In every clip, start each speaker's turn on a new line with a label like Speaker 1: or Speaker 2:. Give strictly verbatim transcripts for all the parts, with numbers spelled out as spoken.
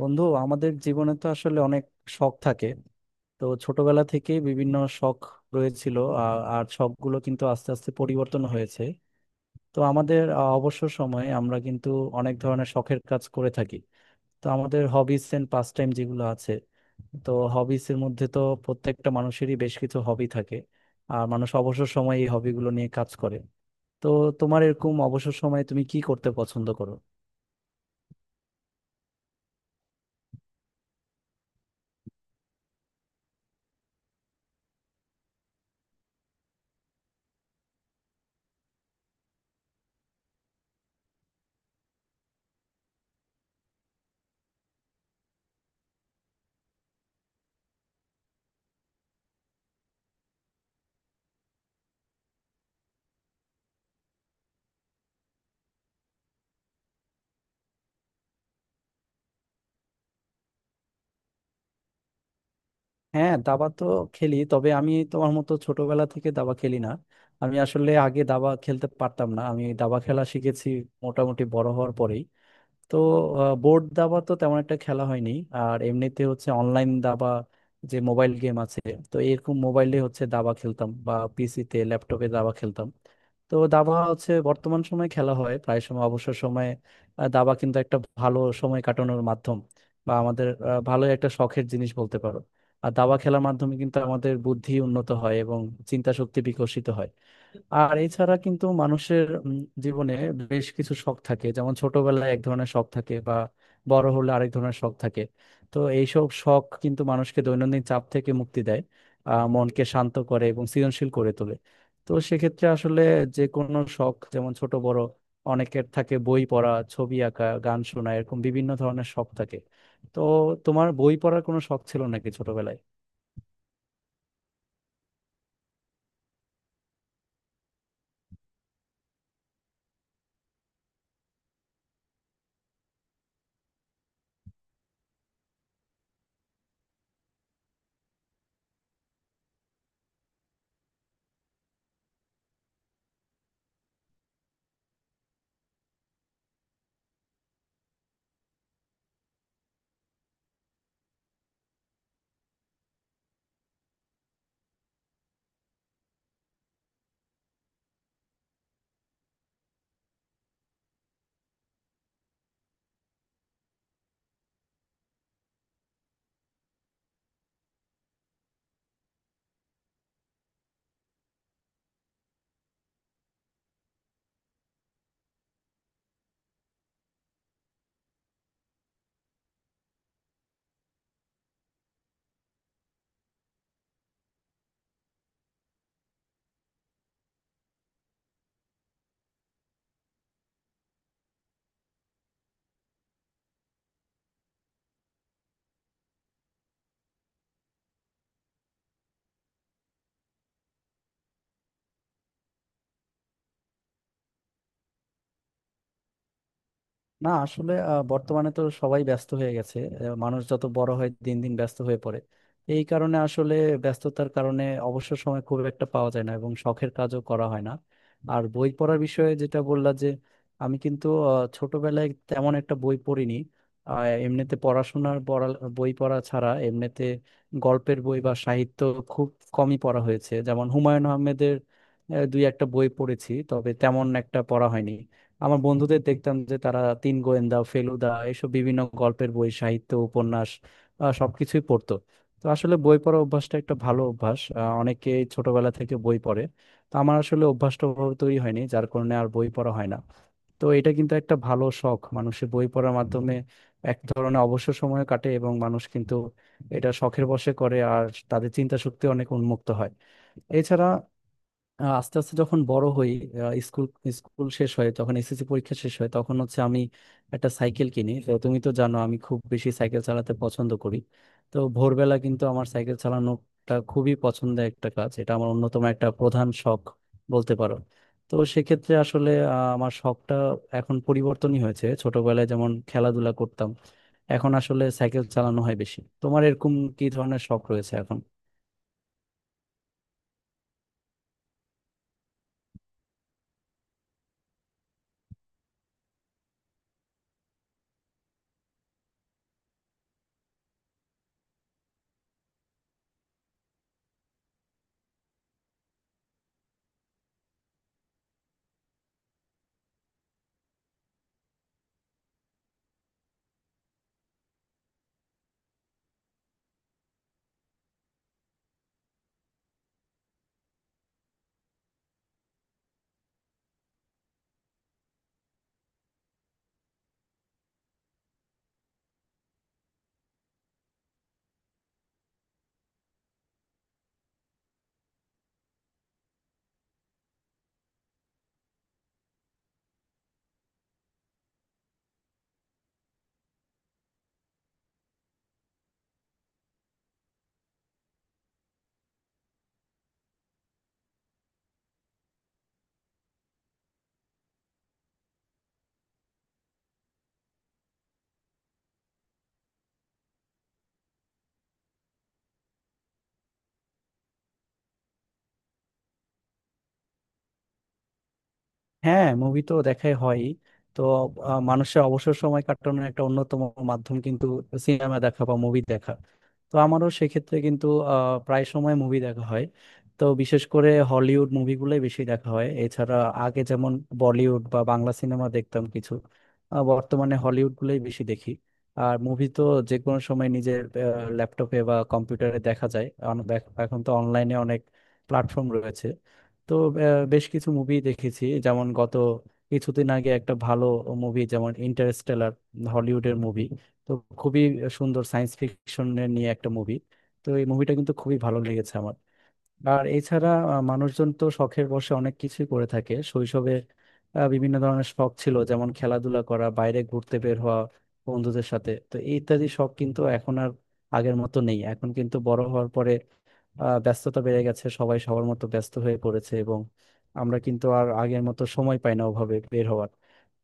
Speaker 1: বন্ধু আমাদের জীবনে তো আসলে অনেক শখ থাকে। তো ছোটবেলা থেকে বিভিন্ন শখ রয়েছিল। আ- আর শখগুলো কিন্তু আস্তে আস্তে পরিবর্তন হয়েছে। তো আমাদের আ, অবসর সময়ে আমরা কিন্তু অনেক ধরনের শখের কাজ করে থাকি। তো আমাদের হবিস এন্ড পাস টাইম যেগুলো আছে, তো হবিস এর মধ্যে তো প্রত্যেকটা মানুষেরই বেশ কিছু হবি থাকে। আর মানুষ অবসর সময়ে এই হবিগুলো নিয়ে কাজ করে। তো তোমার এরকম অবসর সময়ে তুমি কি করতে পছন্দ করো? হ্যাঁ, দাবা তো খেলি, তবে আমি তোমার মতো ছোটবেলা থেকে দাবা খেলি না। আমি আসলে আগে দাবা খেলতে পারতাম না, আমি দাবা খেলা শিখেছি মোটামুটি বড় হওয়ার পরেই। তো বোর্ড দাবা তো তেমন একটা খেলা হয়নি, আর এমনিতে হচ্ছে অনলাইন দাবা, যে মোবাইল গেম আছে, তো এরকম মোবাইলে হচ্ছে দাবা খেলতাম বা পিসিতে ল্যাপটপে দাবা খেলতাম। তো দাবা হচ্ছে বর্তমান সময়ে খেলা হয় প্রায় সময় অবসর সময়ে। আহ, দাবা কিন্তু একটা ভালো সময় কাটানোর মাধ্যম বা আমাদের আহ, ভালো একটা শখের জিনিস বলতে পারো। আর দাবা খেলার মাধ্যমে কিন্তু আমাদের বুদ্ধি উন্নত হয় এবং চিন্তা শক্তি বিকশিত হয়। আর এছাড়া কিন্তু মানুষের উম, জীবনে বেশ কিছু শখ থাকে, যেমন ছোটবেলায় এক ধরনের শখ থাকে বা বড় হলে আরেক ধরনের শখ থাকে। তো এইসব শখ কিন্তু মানুষকে দৈনন্দিন চাপ থেকে মুক্তি দেয়, আহ মনকে শান্ত করে এবং সৃজনশীল করে তোলে। তো সেক্ষেত্রে আসলে যে কোনো শখ, যেমন ছোট বড় অনেকের থাকে বই পড়া, ছবি আঁকা, গান শোনা, এরকম বিভিন্ন ধরনের শখ থাকে। তো তোমার বই পড়ার কোনো শখ ছিল নাকি ছোটবেলায়? না, আসলে আহ, বর্তমানে তো সবাই ব্যস্ত হয়ে গেছে। আহ, মানুষ যত বড় হয় দিন দিন ব্যস্ত হয়ে পড়ে। এই কারণে আসলে ব্যস্ততার কারণে অবসর সময় খুব একটা পাওয়া যায় না এবং শখের কাজও করা হয় না। আর বই পড়ার বিষয়ে যেটা বললা যে আমি কিন্তু আহ, ছোটবেলায় তেমন একটা বই পড়িনি। আহ, এমনিতে পড়াশোনার পড়া, বই পড়া ছাড়া এমনিতে গল্পের বই বা সাহিত্য খুব কমই পড়া হয়েছে। যেমন হুমায়ুন আহমেদের আহ, দুই একটা বই পড়েছি, তবে তেমন একটা পড়া হয়নি। আমার বন্ধুদের দেখতাম যে তারা তিন গোয়েন্দা, ফেলুদা, এসব বিভিন্ন গল্পের বই, সাহিত্য, উপন্যাস আহ, সবকিছুই পড়তো। তো আসলে বই পড়া অভ্যাসটা একটা ভালো অভ্যাস। আহ, অনেকেই ছোটবেলা থেকে বই পড়ে। তো আমার আসলে অভ্যাসটা ওভাবে তৈরি হয়নি, যার কারণে আর বই পড়া হয় না। তো এটা কিন্তু একটা ভালো শখ, মানুষের বই পড়ার মাধ্যমে এক ধরনের অবসর সময় কাটে এবং মানুষ কিন্তু এটা শখের বশে করে আর তাদের চিন্তা শক্তি অনেক উন্মুক্ত হয়। এছাড়া আহ আস্তে আস্তে যখন বড় হই, আহ স্কুল স্কুল শেষ হয়, যখন এসএসসি পরীক্ষা শেষ হয়, তখন হচ্ছে আমি একটা সাইকেল কিনি। তো তুমি তো জানো আমি খুব বেশি সাইকেল চালাতে পছন্দ করি। তো ভোরবেলা কিন্তু আমার সাইকেল চালানোটা খুবই পছন্দের একটা কাজ, এটা আমার অন্যতম একটা প্রধান শখ বলতে পারো। তো সেক্ষেত্রে আসলে আহ, আমার শখটা এখন পরিবর্তনই হয়েছে। ছোটবেলায় যেমন খেলাধুলা করতাম, এখন আসলে সাইকেল চালানো হয় বেশি। তোমার এরকম কি ধরনের শখ রয়েছে এখন? হ্যাঁ, মুভি তো দেখাই হয়। তো আহ, মানুষের অবসর সময় কাটানোর একটা অন্যতম মাধ্যম কিন্তু সিনেমা দেখা বা মুভি দেখা। তো আমারও সেক্ষেত্রে কিন্তু আহ, প্রায় সময় মুভি দেখা হয়। তো বিশেষ করে হলিউড মুভিগুলোই বেশি দেখা হয়। এছাড়া আগে যেমন বলিউড বা বাংলা সিনেমা দেখতাম কিছু, আহ, বর্তমানে হলিউড গুলোই বেশি দেখি। আর মুভি তো যে কোনো সময় নিজের ল্যাপটপে বা কম্পিউটারে দেখা যায়। অন- এখন তো অনলাইনে অনেক প্ল্যাটফর্ম রয়েছে। তো বেশ কিছু মুভি দেখেছি, যেমন গত কিছুদিন আগে একটা ভালো মুভি, যেমন ইন্টারস্টেলার, হলিউডের মুভি, তো খুবই সুন্দর সায়েন্স ফিকশন নিয়ে একটা মুভি। তো এই মুভিটা কিন্তু খুবই ভালো লেগেছে আমার। আর এছাড়া আহ, মানুষজন তো শখের বশে অনেক কিছুই করে থাকে। শৈশবে আহ, বিভিন্ন ধরনের শখ ছিল, যেমন খেলাধুলা করা, বাইরে ঘুরতে বের হওয়া বন্ধুদের সাথে, তো ইত্যাদি শখ কিন্তু এখন আর আগের মতো নেই। এখন কিন্তু বড় হওয়ার পরে আহ, ব্যস্ততা বেড়ে গেছে, সবাই সবার মতো ব্যস্ত হয়ে পড়েছে এবং আমরা কিন্তু আর আগের মতো সময় পাই না ওভাবে বের হওয়ার।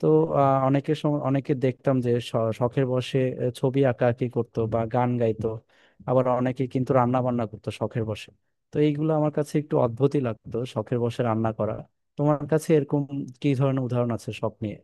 Speaker 1: তো আহ, অনেকের সম- অনেকে দেখতাম যে শ- শখের বশে আহ, ছবি আঁকাআঁকি করতো বা গান গাইতো, আবার অনেকে কিন্তু রান্না বান্না করতো শখের বশে। তো এইগুলো আমার কাছে একটু অদ্ভুতই লাগতো, শখের বশে রান্না করা। তোমার কাছে এরকম কি ধরনের উদাহরণ আছে শখ নিয়ে?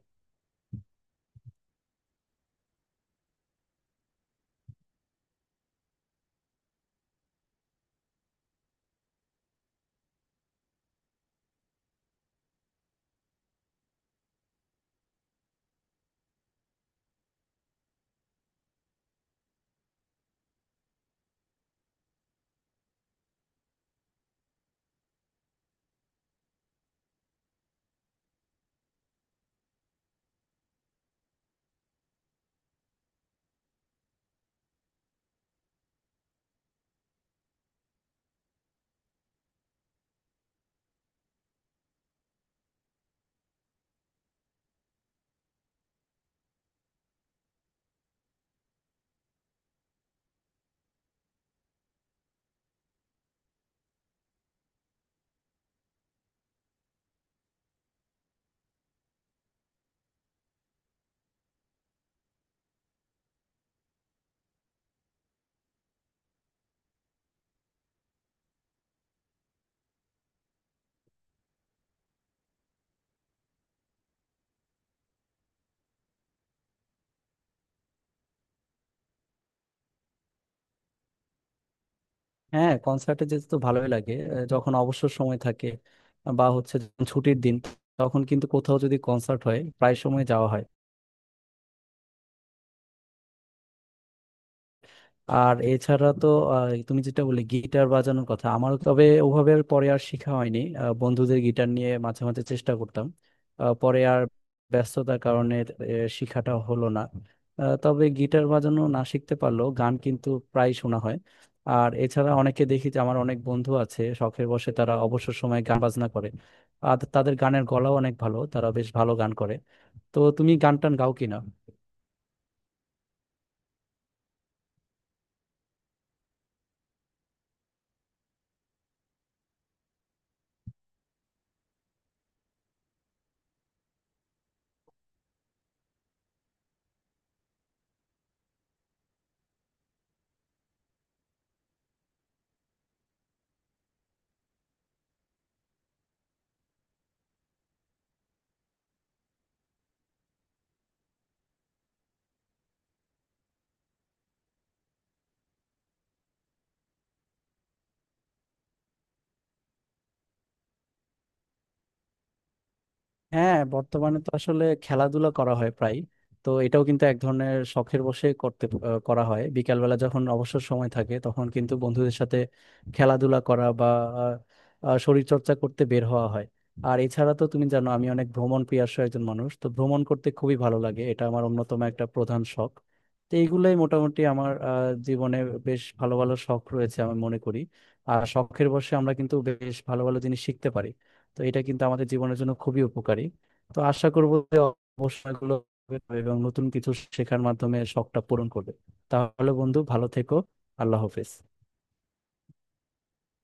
Speaker 1: হ্যাঁ, কনসার্টে যেতে তো ভালোই লাগে। আহ, যখন অবসর সময় থাকে বা হচ্ছে যখন ছুটির দিন, তখন কিন্তু কোথাও যদি কনসার্ট হয় প্রায় সময় যাওয়া হয়। আর এছাড়া তো আহ, তুমি যেটা বললে গিটার বাজানোর কথা, আমার তবে ওভাবে আর পরে আর শেখা হয়নি। আহ, বন্ধুদের গিটার নিয়ে মাঝে মাঝে চেষ্টা করতাম, আহ, পরে আর ব্যস্ততার কারণে আহ, শেখাটা হলো না। আহ, তবে গিটার বাজানো না শিখতে পারলেও গান কিন্তু প্রায় শোনা হয়। আর এছাড়া অনেকে দেখি যে আমার অনেক বন্ধু আছে, শখের বশে তারা অবসর সময়ে গান বাজনা করে আর তাদের গানের গলাও অনেক ভালো, তারা বেশ ভালো গান করে। তো তুমি গান টান গাও কিনা? হ্যাঁ, বর্তমানে তো আসলে খেলাধুলা করা হয় প্রায়। তো এটাও কিন্তু এক ধরনের শখের বশে করতে আহ, করা হয়। বিকালবেলা যখন অবসর সময় থাকে তখন কিন্তু বন্ধুদের সাথে খেলাধুলা করা বা আহ, শরীর চর্চা করতে বের হওয়া হয়। আর এছাড়া তো তুমি জানো আমি অনেক ভ্রমণ প্রিয়াস্য একজন মানুষ, তো ভ্রমণ করতে খুবই ভালো লাগে, এটা আমার অন্যতম একটা প্রধান শখ। তো এইগুলোই মোটামুটি আমার আহ, জীবনে বেশ ভালো ভালো শখ রয়েছে আমি মনে করি। আর শখের বশে আমরা কিন্তু বেশ ভালো ভালো জিনিস শিখতে পারি, তো এটা কিন্তু আমাদের জীবনের জন্য খুবই উপকারী। তো আশা করবো যে অবসরগুলো এবং নতুন কিছু শেখার মাধ্যমে শখটা পূরণ করবে। তাহলে বন্ধু, ভালো থেকো। আল্লাহ হাফেজ।